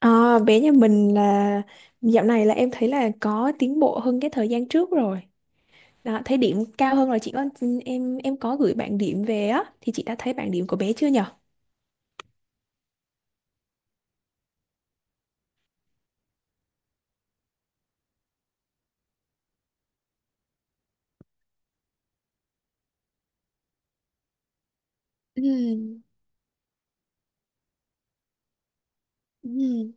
À, bé nhà mình là dạo này là em thấy là có tiến bộ hơn cái thời gian trước rồi. Đó, thấy điểm cao hơn rồi. Chị có em có gửi bảng điểm về á, thì chị đã thấy bảng điểm của bé chưa nhở? Ừ, ừ,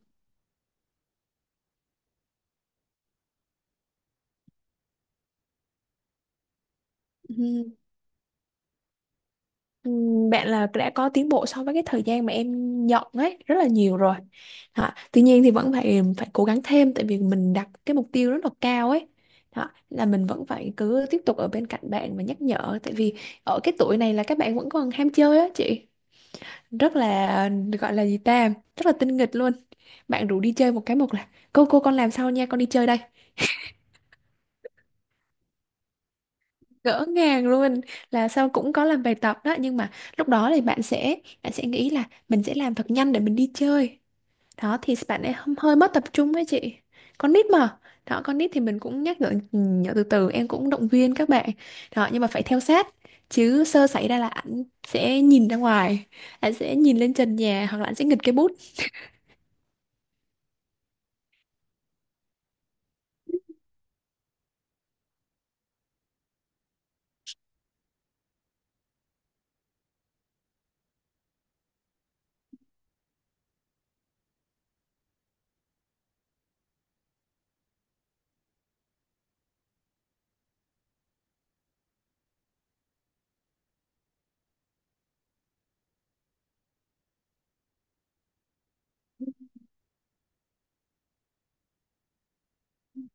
ừ. Ừ, bạn là đã có tiến bộ so với cái thời gian mà em nhận ấy rất là nhiều rồi. Đó. Tuy nhiên thì vẫn phải phải cố gắng thêm, tại vì mình đặt cái mục tiêu rất là cao ấy. Đó. Là mình vẫn phải cứ tiếp tục ở bên cạnh bạn và nhắc nhở, tại vì ở cái tuổi này là các bạn vẫn còn ham chơi á chị. Rất là, gọi là gì ta, rất là tinh nghịch luôn. Bạn rủ đi chơi một cái một là cô con làm sau nha, con đi chơi đây. Ngỡ ngàng luôn. Là sau cũng có làm bài tập đó, nhưng mà lúc đó thì bạn sẽ nghĩ là mình sẽ làm thật nhanh để mình đi chơi. Đó thì bạn ấy hơi mất tập trung ấy chị. Con nít mà. Đó, con nít thì mình cũng nhắc nhở nhở từ từ, em cũng động viên các bạn. Đó, nhưng mà phải theo sát, chứ sơ xảy ra là ảnh sẽ nhìn ra ngoài, ảnh sẽ nhìn lên trần nhà, hoặc là ảnh sẽ nghịch cái bút.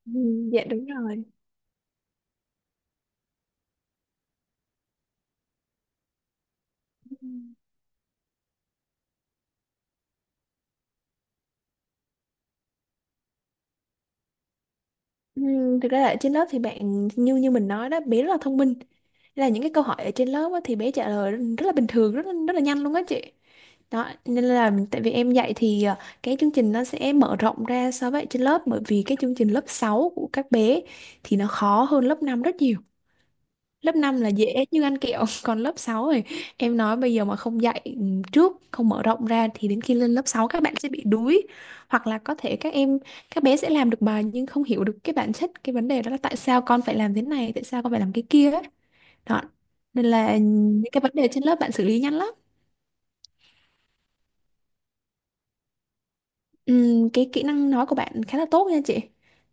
Ừ, dạ đúng rồi. Thực ra là ở trên lớp thì bạn, như như mình nói đó, bé rất là thông minh. Nên là những cái câu hỏi ở trên lớp á, thì bé trả lời rất là bình thường, rất là nhanh luôn á chị. Đó, nên là tại vì em dạy thì cái chương trình nó sẽ mở rộng ra so với ở trên lớp, bởi vì cái chương trình lớp 6 của các bé thì nó khó hơn lớp 5 rất nhiều. Lớp 5 là dễ như ăn kẹo còn lớp 6 rồi. Em nói bây giờ mà không dạy trước, không mở rộng ra, thì đến khi lên lớp 6 các bạn sẽ bị đuối, hoặc là có thể các bé sẽ làm được bài nhưng không hiểu được cái bản chất cái vấn đề đó, là tại sao con phải làm thế này, tại sao con phải làm cái kia ấy. Đó, nên là những cái vấn đề trên lớp bạn xử lý nhanh lắm. Cái kỹ năng nói của bạn khá là tốt nha chị.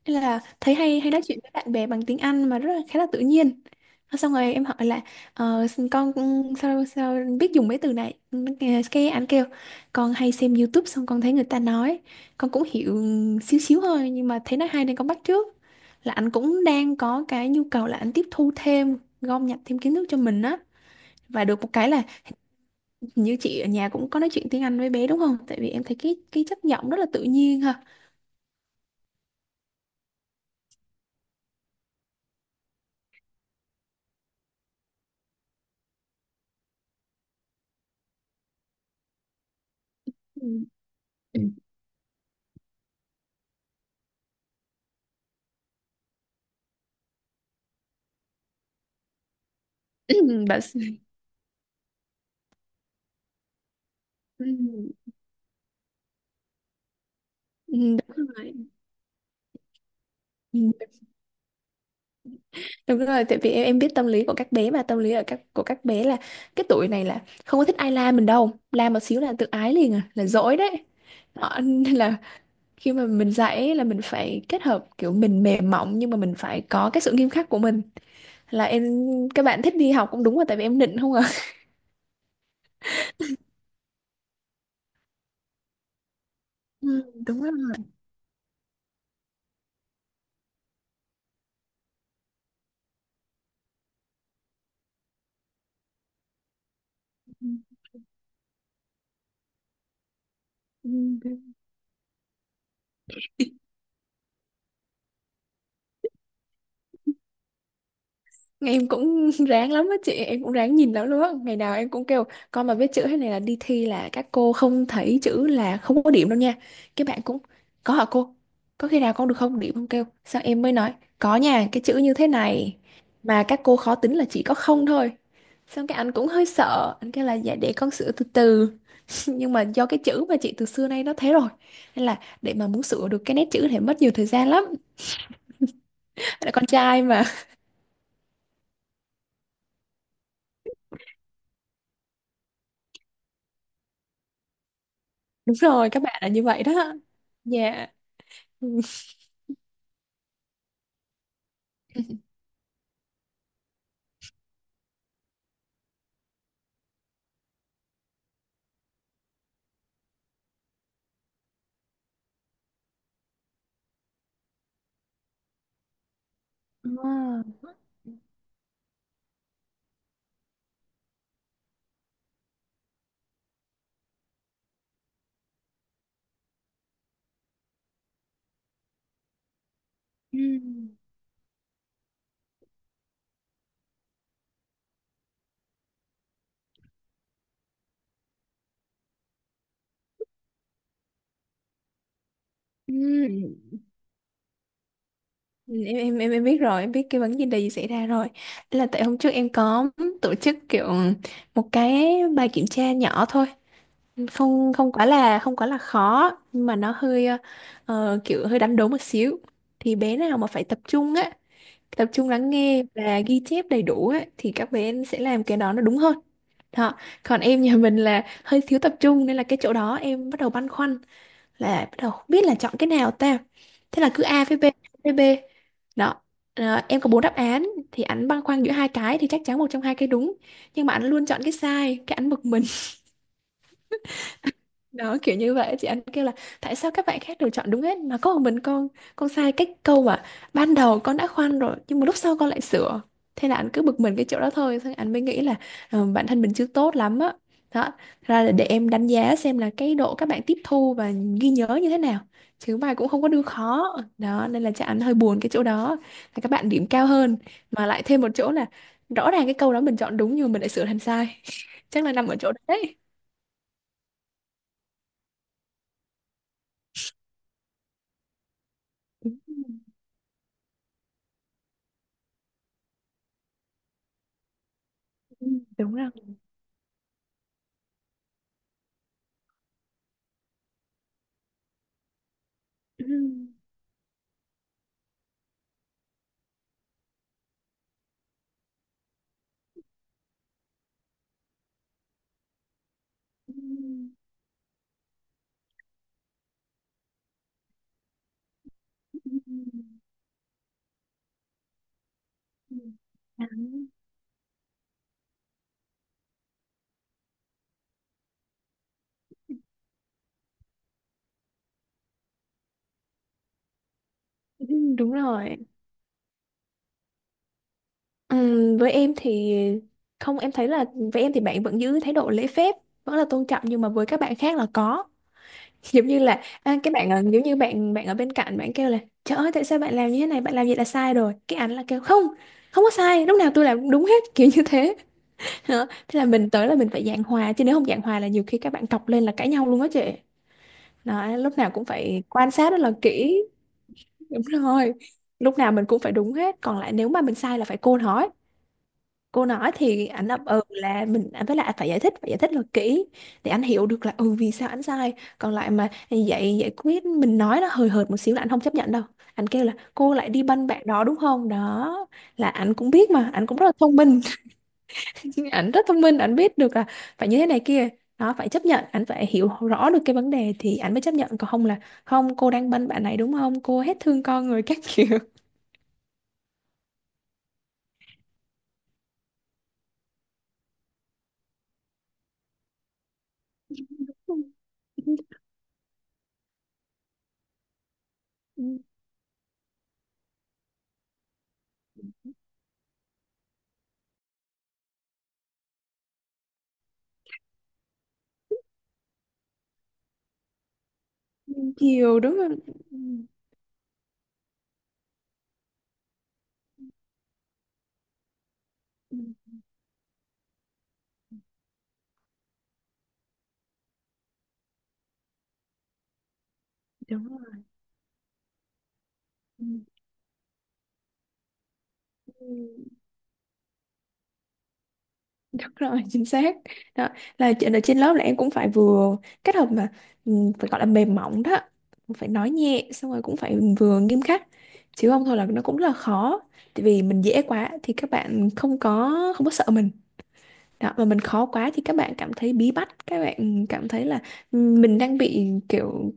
Nên là thấy hay hay nói chuyện với bạn bè bằng tiếng Anh mà rất là, khá là tự nhiên. Xong rồi em hỏi là con sao sao biết dùng mấy từ này. Cái anh kêu con hay xem YouTube, xong con thấy người ta nói, con cũng hiểu xíu xíu thôi, nhưng mà thấy nói hay nên con bắt chước. Là anh cũng đang có cái nhu cầu là anh tiếp thu thêm, gom nhặt thêm kiến thức cho mình á. Và được một cái là như chị ở nhà cũng có nói chuyện tiếng Anh với bé đúng không, tại vì em thấy cái chất giọng rất là tự nhiên ha. Bà, ừ, ừ, đúng rồi. Ừ, đúng rồi, tại vì em biết tâm lý của các bé mà. Tâm lý ở của các bé là cái tuổi này là không có thích ai la mình đâu, la một xíu là tự ái liền à, là dỗi đấy. Đó, nên là khi mà mình dạy ấy là mình phải kết hợp, kiểu mình mềm mỏng nhưng mà mình phải có cái sự nghiêm khắc của mình. Là em, các bạn thích đi học cũng đúng rồi, tại vì em nịnh không à Ừ, đúng rồi. Ừ, em cũng ráng lắm á chị, em cũng ráng nhìn lắm luôn á. Ngày nào em cũng kêu con mà biết chữ thế này là đi thi là các cô không thấy chữ là không có điểm đâu nha. Các bạn cũng có hả cô, có khi nào con được không điểm không, kêu sao. Em mới nói có nha, cái chữ như thế này mà các cô khó tính là chỉ có không thôi. Xong cái anh cũng hơi sợ, anh kêu là dạ để con sửa từ từ nhưng mà do cái chữ mà chị từ xưa nay nó thế rồi, nên là để mà muốn sửa được cái nét chữ thì mất nhiều thời gian lắm. Là con trai mà đúng rồi, các bạn là như vậy đó. Dạ. À. Ừ. Ờ. Ừ. Ừ. Em biết rồi, em biết cái vấn đề gì xảy ra rồi. Là tại hôm trước em có tổ chức kiểu một cái bài kiểm tra nhỏ thôi, không không quá là khó nhưng mà nó hơi kiểu hơi đánh đố một xíu. Thì bé nào mà phải tập trung á, tập trung lắng nghe và ghi chép đầy đủ á thì các bé sẽ làm cái đó nó đúng hơn. Đó. Còn em nhà mình là hơi thiếu tập trung, nên là cái chỗ đó em bắt đầu băn khoăn, là bắt đầu không biết là chọn cái nào ta. Thế là cứ A với B, A với B. Đó. Ờ, em có bốn đáp án thì ảnh băn khoăn giữa hai cái, thì chắc chắn một trong hai cái đúng, nhưng mà ảnh luôn chọn cái sai, cái ảnh bực mình. Đó, kiểu như vậy chị. Anh kêu là tại sao các bạn khác đều chọn đúng hết mà có một mình con sai cái câu mà ban đầu con đã khoan rồi nhưng mà lúc sau con lại sửa. Thế là anh cứ bực mình cái chỗ đó thôi, xong anh mới nghĩ là bản thân mình chưa tốt lắm á. Đó. Thật ra là để em đánh giá xem là cái độ các bạn tiếp thu và ghi nhớ như thế nào, chứ bài cũng không có đưa khó. Đó nên là chị, anh hơi buồn cái chỗ đó, là các bạn điểm cao hơn. Mà lại thêm một chỗ là rõ ràng cái câu đó mình chọn đúng nhưng mà mình lại sửa thành sai. Chắc là nằm ở chỗ đấy. Ừ, đúng rồi. Ừ, ừ, ừ, ừ, ừ. À, ừ, đúng rồi. Với em thì không, em thấy là với em thì bạn vẫn giữ thái độ lễ phép, vẫn là tôn trọng, nhưng mà với các bạn khác là có giống như là, à, giống như bạn bạn ở bên cạnh bạn kêu là trời ơi, tại sao bạn làm như thế này, bạn làm vậy là sai rồi, cái ảnh là kêu không không có sai, lúc nào tôi làm cũng đúng hết kiểu như thế. Đó. Thế là mình tới là mình phải giảng hòa, chứ nếu không giảng hòa là nhiều khi các bạn cọc lên là cãi nhau luôn á chị. Đó, lúc nào cũng phải quan sát rất là kỹ. Đúng rồi. Lúc nào mình cũng phải đúng hết, còn lại nếu mà mình sai là phải cô nói. Cô nói thì anh ấp ừ là mình anh, với lại phải giải thích là kỹ để anh hiểu được là ừ vì sao anh sai. Còn lại mà giải giải quyết mình nói nó hời hợt một xíu là anh không chấp nhận đâu. Anh kêu là cô lại đi banh bạn đó đúng không? Đó, là anh cũng biết mà, anh cũng rất là thông minh. Anh rất thông minh, anh biết được là phải như thế này kia. Đó, phải chấp nhận, anh phải hiểu rõ được cái vấn đề thì anh mới chấp nhận, còn không là không, cô đang banh bạn này đúng không? Cô hết thương con người các kiểu. Thiều đúng không? Ừ, ừ, đúng rồi. Ừ, ừ. Đúng rồi, chính xác. Đó, là chuyện ở trên lớp là em cũng phải vừa kết hợp mà, ừ, phải gọi là mềm mỏng đó. Cũng phải nói nhẹ, xong rồi cũng phải vừa nghiêm khắc. Chứ không thôi là nó cũng là khó. Tại vì mình dễ quá thì các bạn không có sợ mình. Đó, và mình khó quá thì các bạn cảm thấy bí bách, các bạn cảm thấy là mình đang bị kiểu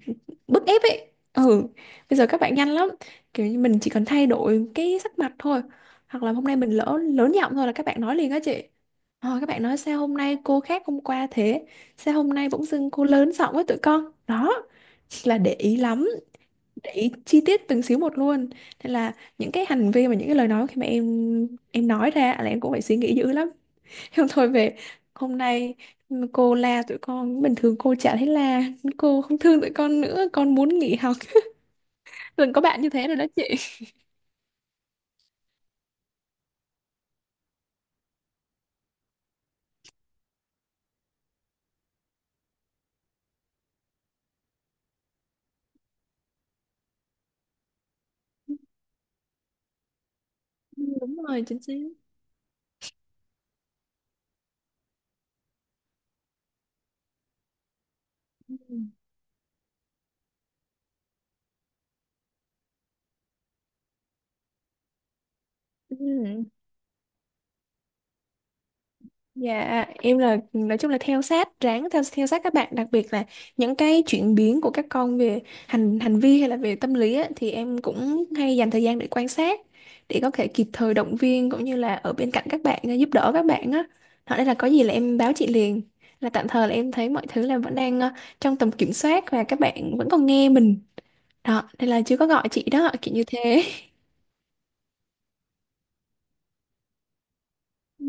bức ép ấy. Ừ, bây giờ các bạn nhanh lắm. Kiểu như mình chỉ cần thay đổi cái sắc mặt thôi, hoặc là hôm nay mình lỡ lớn giọng thôi là các bạn nói liền á chị. Ờ, các bạn nói sao hôm nay cô khác hôm qua thế? Sao hôm nay bỗng dưng cô lớn giọng với tụi con? Đó, là để ý lắm, để ý chi tiết từng xíu một luôn. Nên là những cái hành vi và những cái lời nói khi mà em nói ra là em cũng phải suy nghĩ dữ lắm. Em thôi, về hôm nay cô la tụi con, bình thường cô chả thấy la, cô không thương tụi con nữa, con muốn nghỉ học. Đừng có bạn như thế rồi đó chị. Ừ, đúng rồi, chính xác. Ừ. Ừ. Dạ, em là nói chung là theo sát, ráng theo theo sát các bạn, đặc biệt là những cái chuyển biến của các con về hành hành vi hay là về tâm lý á, thì em cũng hay dành thời gian để quan sát để có thể kịp thời động viên cũng như là ở bên cạnh các bạn, giúp đỡ các bạn á. Đó nên là có gì là em báo chị liền. Là tạm thời là em thấy mọi thứ là vẫn đang trong tầm kiểm soát và các bạn vẫn còn nghe mình. Đó, nên là chưa có gọi chị đó, kiểu như thế. Ừ,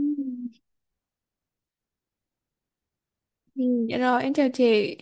ừ, dạ rồi, em chào chị.